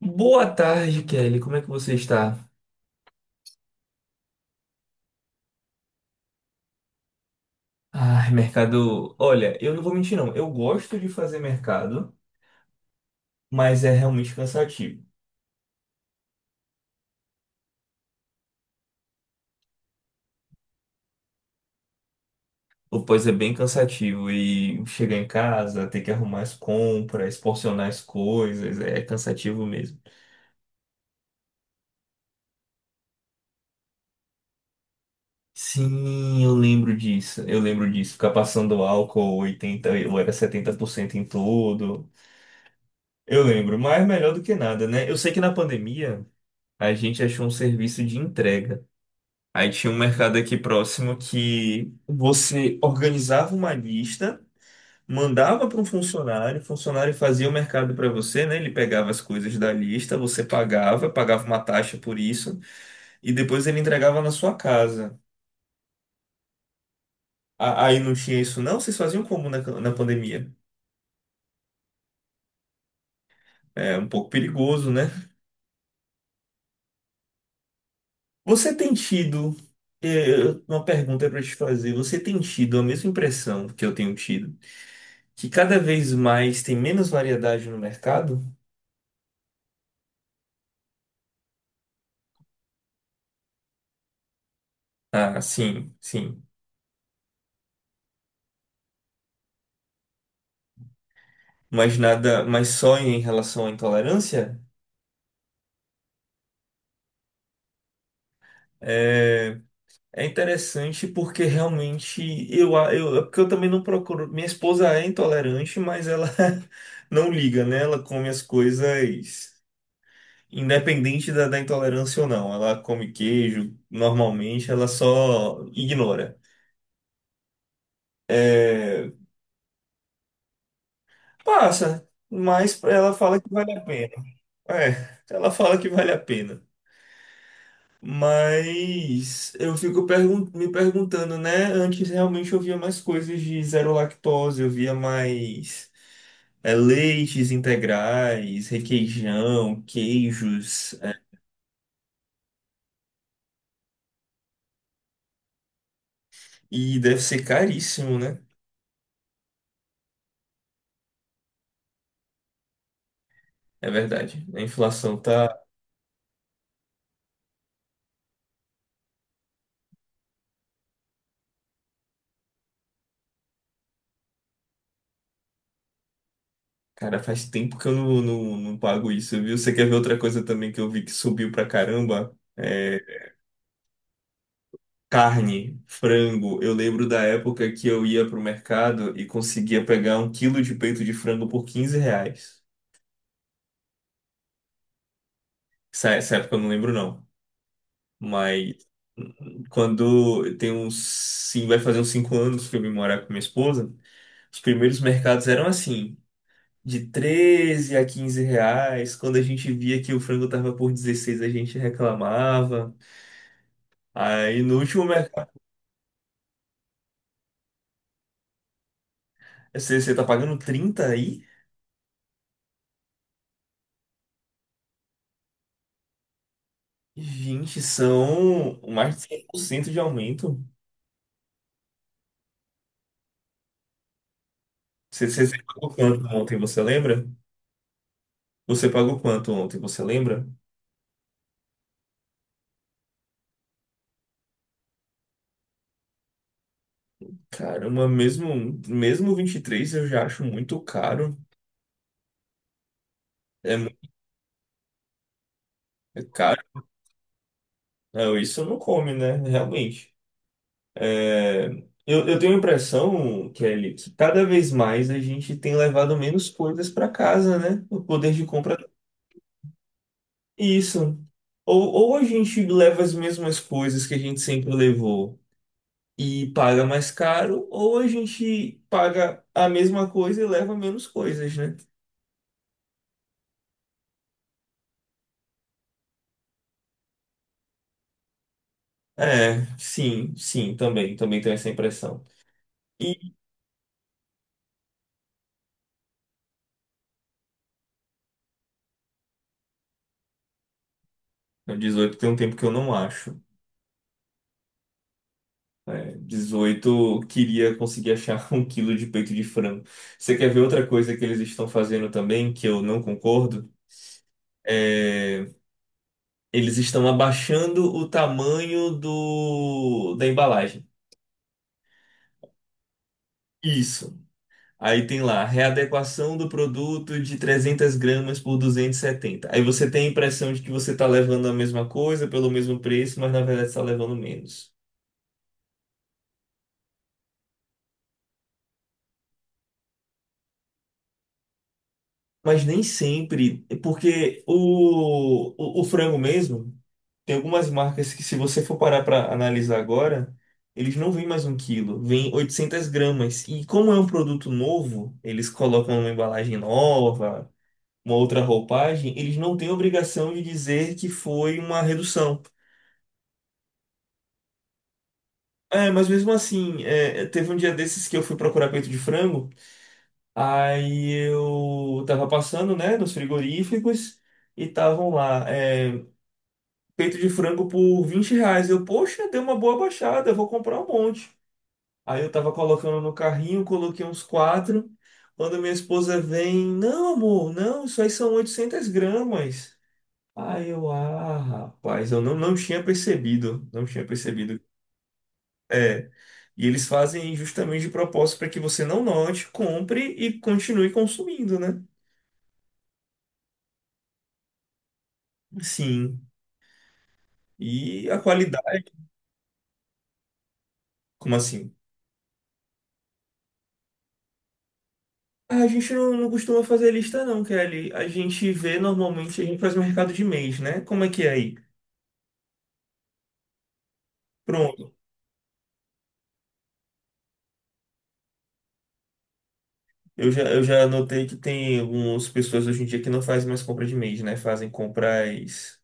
Boa tarde, Kelly. Como é que você está? Ai, mercado. Olha, eu não vou mentir, não. Eu gosto de fazer mercado, mas é realmente cansativo. O pós é bem cansativo e chegar em casa, ter que arrumar as compras, porcionar as coisas, é cansativo mesmo. Sim, eu lembro disso. Eu lembro disso. Ficar passando álcool 80 ou era 70% em tudo. Eu lembro, mas melhor do que nada, né? Eu sei que na pandemia a gente achou um serviço de entrega. Aí tinha um mercado aqui próximo que você organizava uma lista, mandava para um funcionário, o funcionário fazia o mercado para você, né? Ele pegava as coisas da lista, você pagava uma taxa por isso, e depois ele entregava na sua casa. Aí não tinha isso, não? Vocês faziam como na pandemia? É um pouco perigoso, né? Você tem tido. eh, Uma pergunta para te fazer. Você tem tido a mesma impressão que eu tenho tido, que cada vez mais tem menos variedade no mercado? Ah, sim, sim. Mas nada, mas só em relação à intolerância, é, é interessante porque realmente é porque eu também não procuro. Minha esposa é intolerante, mas ela não liga, né? Ela come as coisas independente da intolerância ou não. Ela come queijo, normalmente, ela só ignora. É, passa, mas ela fala que vale a pena. É, ela fala que vale a pena. Mas eu fico me perguntando, né? Antes realmente eu via mais coisas de zero lactose, eu via mais leites integrais, requeijão, queijos. E deve ser caríssimo, né? É verdade. A inflação tá. Cara, faz tempo que eu não pago isso, viu? Você quer ver outra coisa também que eu vi que subiu pra caramba? Carne, frango. Eu lembro da época que eu ia pro mercado e conseguia pegar um quilo de peito de frango por R$ 15. Essa época eu não lembro, não. Mas quando tem uns. Sim, vai fazer uns 5 anos que eu vim morar com minha esposa. Os primeiros mercados eram assim, de 13 a 15 reais. Quando a gente via que o frango tava por 16 a gente reclamava. Aí no último mercado, você tá pagando 30 aí? Gente, são mais de 100% de aumento. Você pagou quanto ontem, você lembra? Você pagou quanto ontem, você lembra? Caramba, mesmo, mesmo 23 eu já acho muito caro. É muito caro. Não, isso não come, né? Realmente. É, eu tenho a impressão, Kelly, que cada vez mais a gente tem levado menos coisas para casa, né? O poder de compra. É isso. Ou a gente leva as mesmas coisas que a gente sempre levou, e paga mais caro, ou a gente paga a mesma coisa e leva menos coisas, né? É, sim, sim, também, também tenho essa impressão. E o 18 tem um tempo que eu não acho. É, 18 queria conseguir achar um quilo de peito de frango. Você quer ver outra coisa que eles estão fazendo também, que eu não concordo? É, eles estão abaixando o tamanho da embalagem. Isso. Aí tem lá, readequação do produto de 300 gramas por 270. Aí você tem a impressão de que você está levando a mesma coisa pelo mesmo preço, mas na verdade está levando menos. Mas nem sempre, é porque o frango mesmo, tem algumas marcas que se você for parar para analisar agora, eles não vêm mais um quilo, vêm 800 gramas. E como é um produto novo, eles colocam uma embalagem nova, uma outra roupagem, eles não têm obrigação de dizer que foi uma redução. É, mas mesmo assim, teve um dia desses que eu fui procurar peito de frango, aí eu tava passando, né, nos frigoríficos e estavam lá, peito de frango por R$ 20. Eu, poxa, deu uma boa baixada, eu vou comprar um monte. Aí eu tava colocando no carrinho, coloquei uns quatro. Quando minha esposa vem, não, amor, não, isso aí são 800 gramas. Aí eu, ah, rapaz, eu não tinha percebido, não tinha percebido. É. E eles fazem justamente de propósito para que você não note, compre e continue consumindo, né? Sim. E a qualidade, como assim? Ah, a gente não costuma fazer lista não, Kelly. A gente vê normalmente, a gente faz mercado de mês, né? Como é que é aí? Pronto. Eu já notei que tem algumas pessoas hoje em dia que não fazem mais compra de mês, né? Fazem compras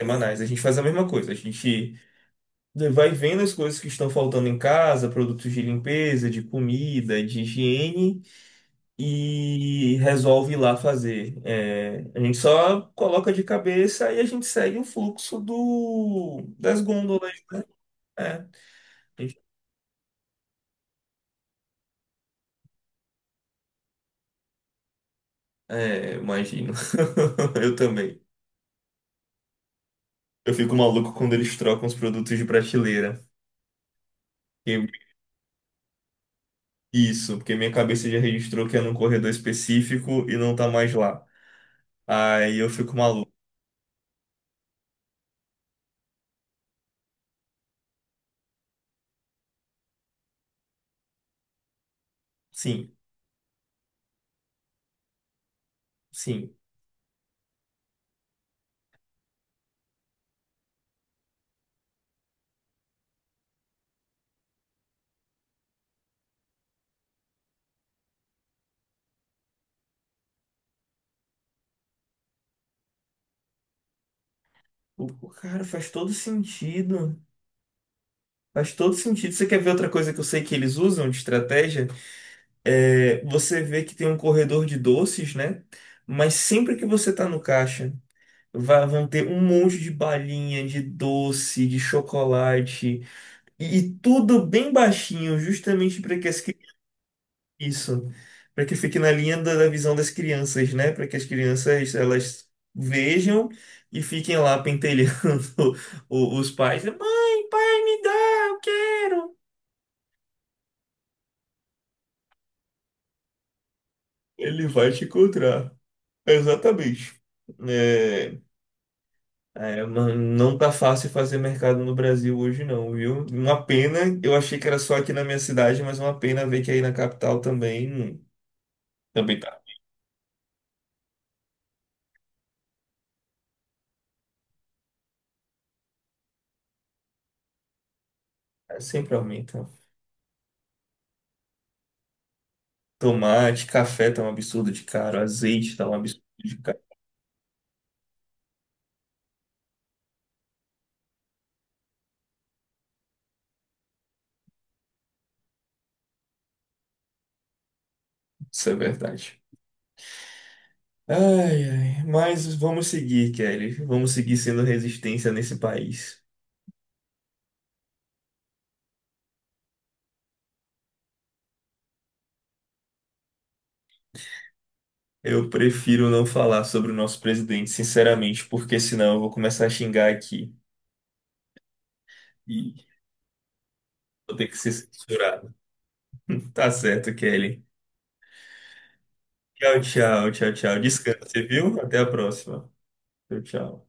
semanais. A gente faz a mesma coisa. A gente vai vendo as coisas que estão faltando em casa, produtos de limpeza, de comida, de higiene, e resolve ir lá fazer. É, a gente só coloca de cabeça e a gente segue o fluxo das gôndolas. É, a gente- imagino. Eu também. Eu fico maluco quando eles trocam os produtos de prateleira. E- Isso, porque minha cabeça já registrou que é num corredor específico e não tá mais lá. Aí eu fico maluco. Sim, sim. O cara faz todo sentido. Faz todo sentido. Você quer ver outra coisa que eu sei que eles usam de estratégia? É, você vê que tem um corredor de doces, né? Mas sempre que você tá no caixa, vão ter um monte de balinha, de doce, de chocolate, e tudo bem baixinho, justamente para que as isso, para que fique na linha da visão das crianças, né? Para que as crianças elas vejam e fiquem lá pentelhando os pais. Mãe, pai, me dá, eu quero. Ele vai te encontrar. Exatamente. É, É, mano, não tá fácil fazer mercado no Brasil hoje não, viu? Uma pena, eu achei que era só aqui na minha cidade, mas uma pena ver que aí na capital também, também tá. É, sempre aumenta. Tomate, café tá um absurdo de caro, azeite tá um absurdo de caro, isso é verdade. Ai, ai, mas vamos seguir, Kelly. Vamos seguir sendo resistência nesse país. Eu prefiro não falar sobre o nosso presidente, sinceramente, porque senão eu vou começar a xingar aqui e vou ter que ser censurado. Tá certo, Kelly. Tchau, tchau, tchau, tchau. Descanse, viu? Até a próxima. Tchau, tchau.